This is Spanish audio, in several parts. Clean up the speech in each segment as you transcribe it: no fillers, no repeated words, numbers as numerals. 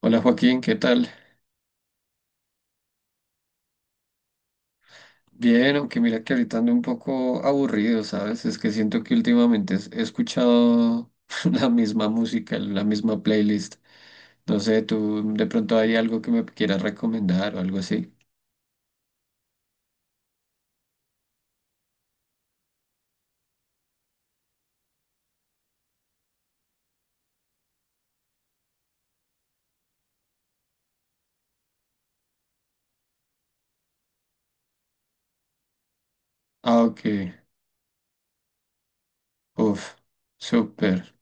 Hola Joaquín, ¿qué tal? Bien, aunque mira que ahorita ando un poco aburrido, ¿sabes? Es que siento que últimamente he escuchado la misma música, la misma playlist. No sé, tú de pronto hay algo que me quieras recomendar o algo así. Ah, ok. Uf, súper.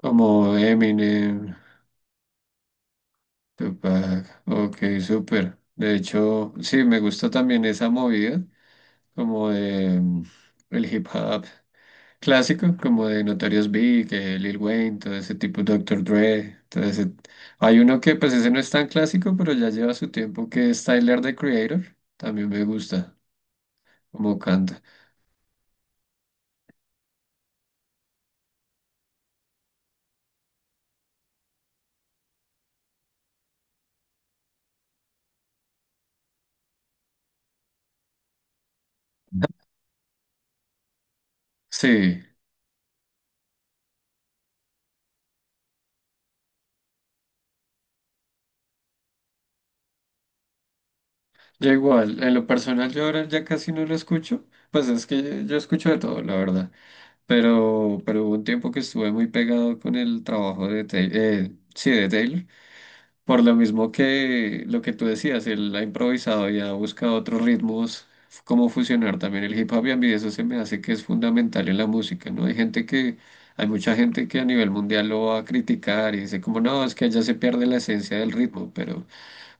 Como Eminem, Tupac. Ok, súper. De hecho, sí, me gusta también esa movida, como de el hip hop. Clásico, como de Notorious Big, Lil Wayne, todo ese tipo, Doctor Dre, Hay uno que pues ese no es tan clásico, pero ya lleva su tiempo, que es Tyler, The Creator, también me gusta como canta. Sí, yo igual, en lo personal yo ahora ya casi no lo escucho, pues es que yo escucho de todo, la verdad, pero hubo un tiempo que estuve muy pegado con el trabajo de Taylor, sí, de Taylor. Por lo mismo que lo que tú decías, él ha improvisado y ha buscado otros ritmos, cómo fusionar también el hip hop, y a mí eso se me hace que es fundamental en la música, ¿no? Hay mucha gente que a nivel mundial lo va a criticar y dice como, no, es que allá se pierde la esencia del ritmo, pero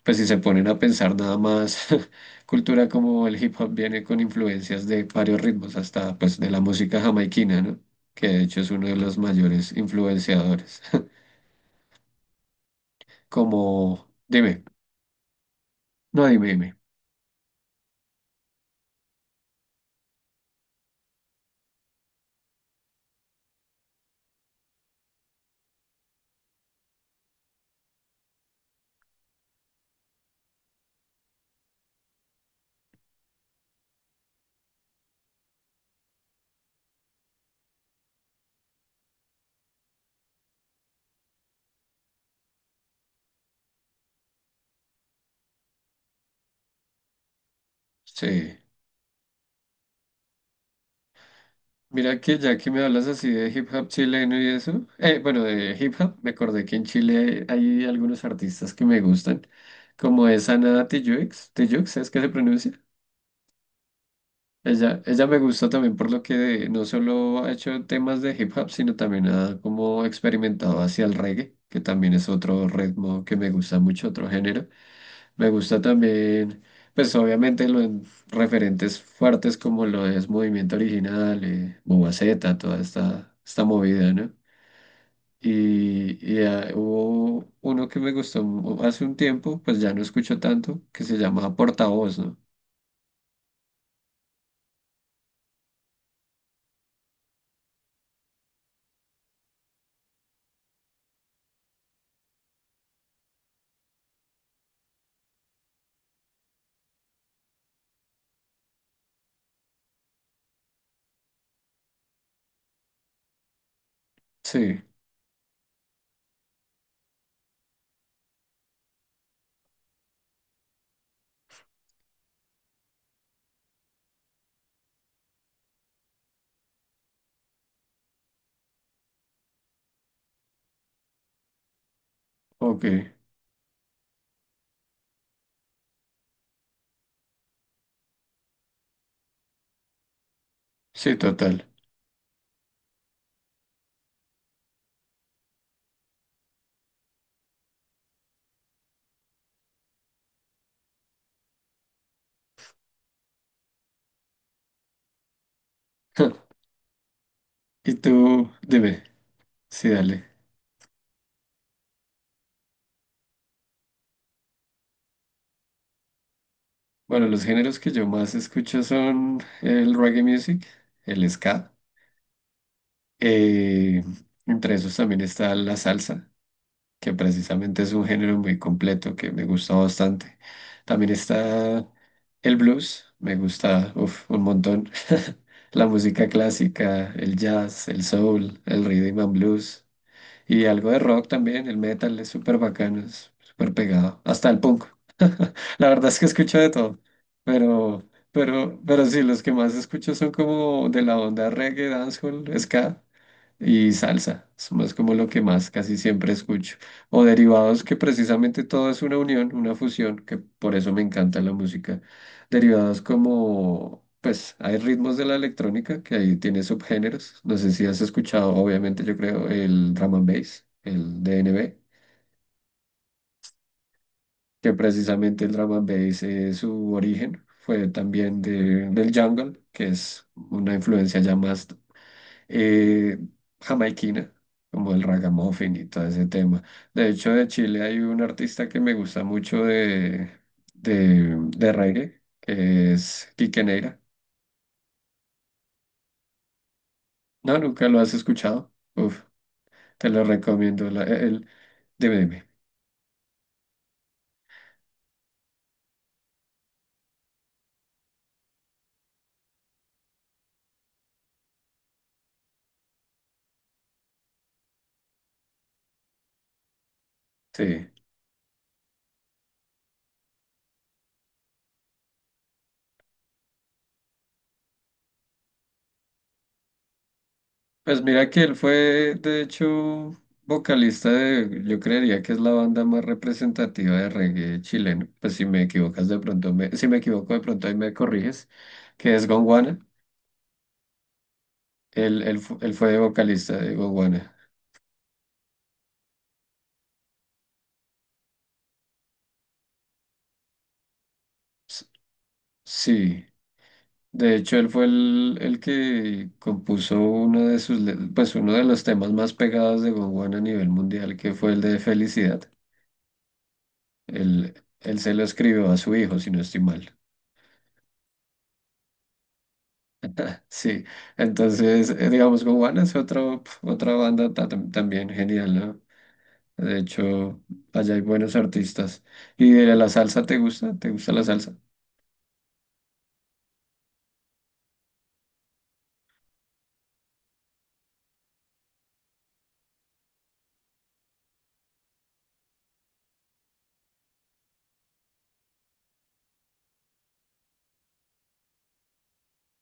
pues si se ponen a pensar nada más, cultura como el hip hop viene con influencias de varios ritmos, hasta pues de la música jamaiquina, ¿no? Que de hecho es uno de los mayores influenciadores. Como, dime, no, dime. Sí, mira que ya que me hablas así de hip hop chileno y eso, bueno, de hip hop, me acordé que en Chile hay algunos artistas que me gustan, como es Ana Tijoux, Tijoux, ¿es que se pronuncia? Ella me gusta también por lo que no solo ha hecho temas de hip hop, sino también ha como experimentado hacia el reggae, que también es otro ritmo que me gusta mucho, otro género. Me gusta también, pues obviamente los referentes fuertes como lo es Movimiento Original, Bobaceta, esta movida, ¿no? Hubo uno que me gustó hace un tiempo, pues ya no escucho tanto, que se llama Portavoz, ¿no? Sí, ok, sí, total. Y tú, dime, sí, dale. Bueno, los géneros que yo más escucho son el reggae music, el ska, eh, entre esos también está la salsa, que precisamente es un género muy completo que me gusta bastante. También está el blues, me gusta uf, un montón. La música clásica, el jazz, el soul, el rhythm and blues y algo de rock también, el metal es súper bacano, es súper pegado, hasta el punk. La verdad es que escucho de todo, pero sí, los que más escucho son como de la onda reggae, dancehall, ska y salsa. Es más como lo que más casi siempre escucho. O derivados, que precisamente todo es una unión, una fusión, que por eso me encanta la música. Derivados como, pues, hay ritmos de la electrónica, que ahí tiene subgéneros. No sé si has escuchado, obviamente, yo creo, el drum and bass, el DNB, que precisamente el drum and bass, su origen fue también del jungle, que es una influencia ya más eh, jamaiquina, como el ragamuffin y todo ese tema. De hecho, de Chile hay un artista que me gusta mucho de reggae, que es Quique Neira. No, nunca lo has escuchado. Uf, te lo recomiendo. Dime. Sí. Pues mira que él fue, de hecho, vocalista de, yo creería que es la banda más representativa de reggae chileno. Pues si me equivocas de pronto, si me equivoco de pronto ahí me corriges, que es Gonguana. Él fue vocalista de Gonguana. S- Sí, de hecho él fue el que compuso uno de sus, pues uno de los temas más pegados de Gonguana a nivel mundial, que fue el de Felicidad. Él se lo escribió a su hijo, si no estoy mal. Sí, entonces, digamos, Gowan es otro, pf, otra banda también genial, ¿no? De hecho, allá hay buenos artistas. ¿Y de la salsa te gusta? ¿Te gusta la salsa?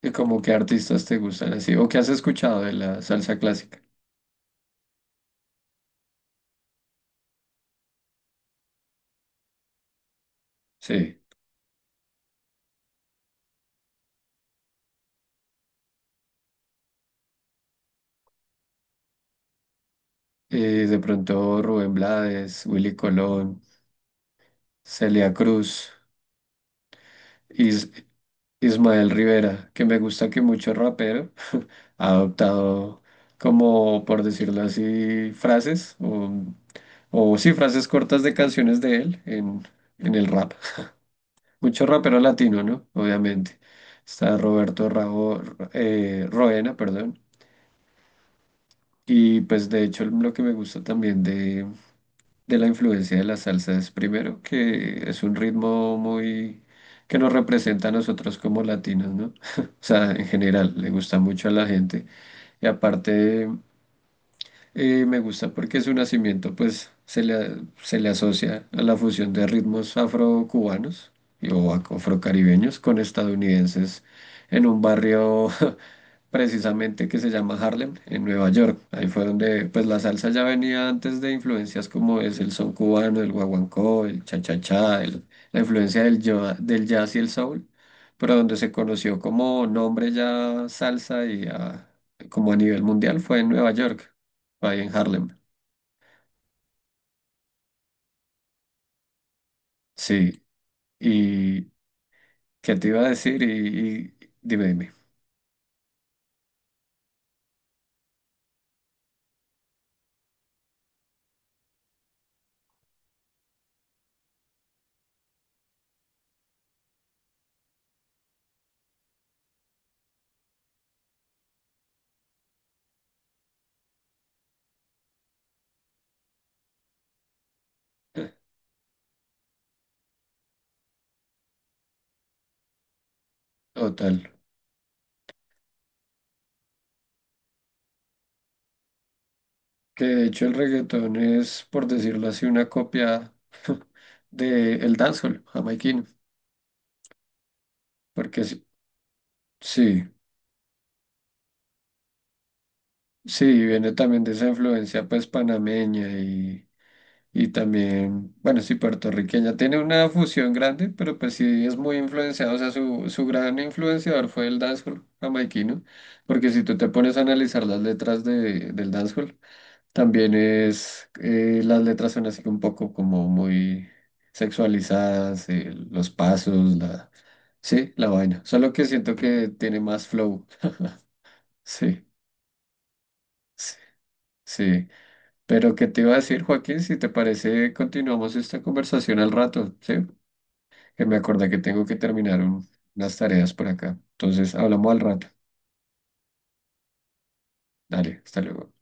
¿Y como qué artistas te gustan así? ¿O qué has escuchado de la salsa clásica? Sí. Y de pronto Rubén Blades, Willy Colón, Celia Cruz, Is- Ismael Rivera, que me gusta que mucho rapero ha adoptado como, por decirlo así, frases o sí, frases cortas de canciones de él en el rap. Mucho rapero latino, ¿no? Obviamente. Está Roberto Rabo, Roena, perdón. Y pues de hecho lo que me gusta también de la influencia de la salsa es primero que es un ritmo muy que nos representa a nosotros como latinos, ¿no? O sea, en general, le gusta mucho a la gente. Y aparte, eh, me gusta porque su nacimiento pues se le asocia a la fusión de ritmos afrocubanos o afrocaribeños con estadounidenses en un barrio precisamente que se llama Harlem, en Nueva York. Ahí fue donde pues la salsa ya venía antes de influencias como es el son cubano, el guaguancó, el cha-cha-cha, la influencia del, del jazz y el soul, pero donde se conoció como nombre ya salsa y como a nivel mundial fue en Nueva York, ahí en Harlem. Sí, y ¿qué te iba a decir? Dime, dime. Total, que de hecho el reggaetón es, por decirlo así, una copia del dancehall jamaiquino, porque sí, sí, viene también de esa influencia pues panameña y también, bueno, sí, puertorriqueña. Tiene una fusión grande, pero pues sí es muy influenciado, o sea, su gran influenciador fue el dancehall jamaiquino, porque si tú te pones a analizar las letras del dancehall. También es, las letras son así un poco como muy sexualizadas, los pasos, la, sí, la vaina. Solo que siento que tiene más flow. Sí, sí, sí. Pero ¿qué te iba a decir, Joaquín? Si te parece, continuamos esta conversación al rato, ¿sí? Que me acordé que tengo que terminar unas tareas por acá. Entonces, hablamos al rato. Dale, hasta luego.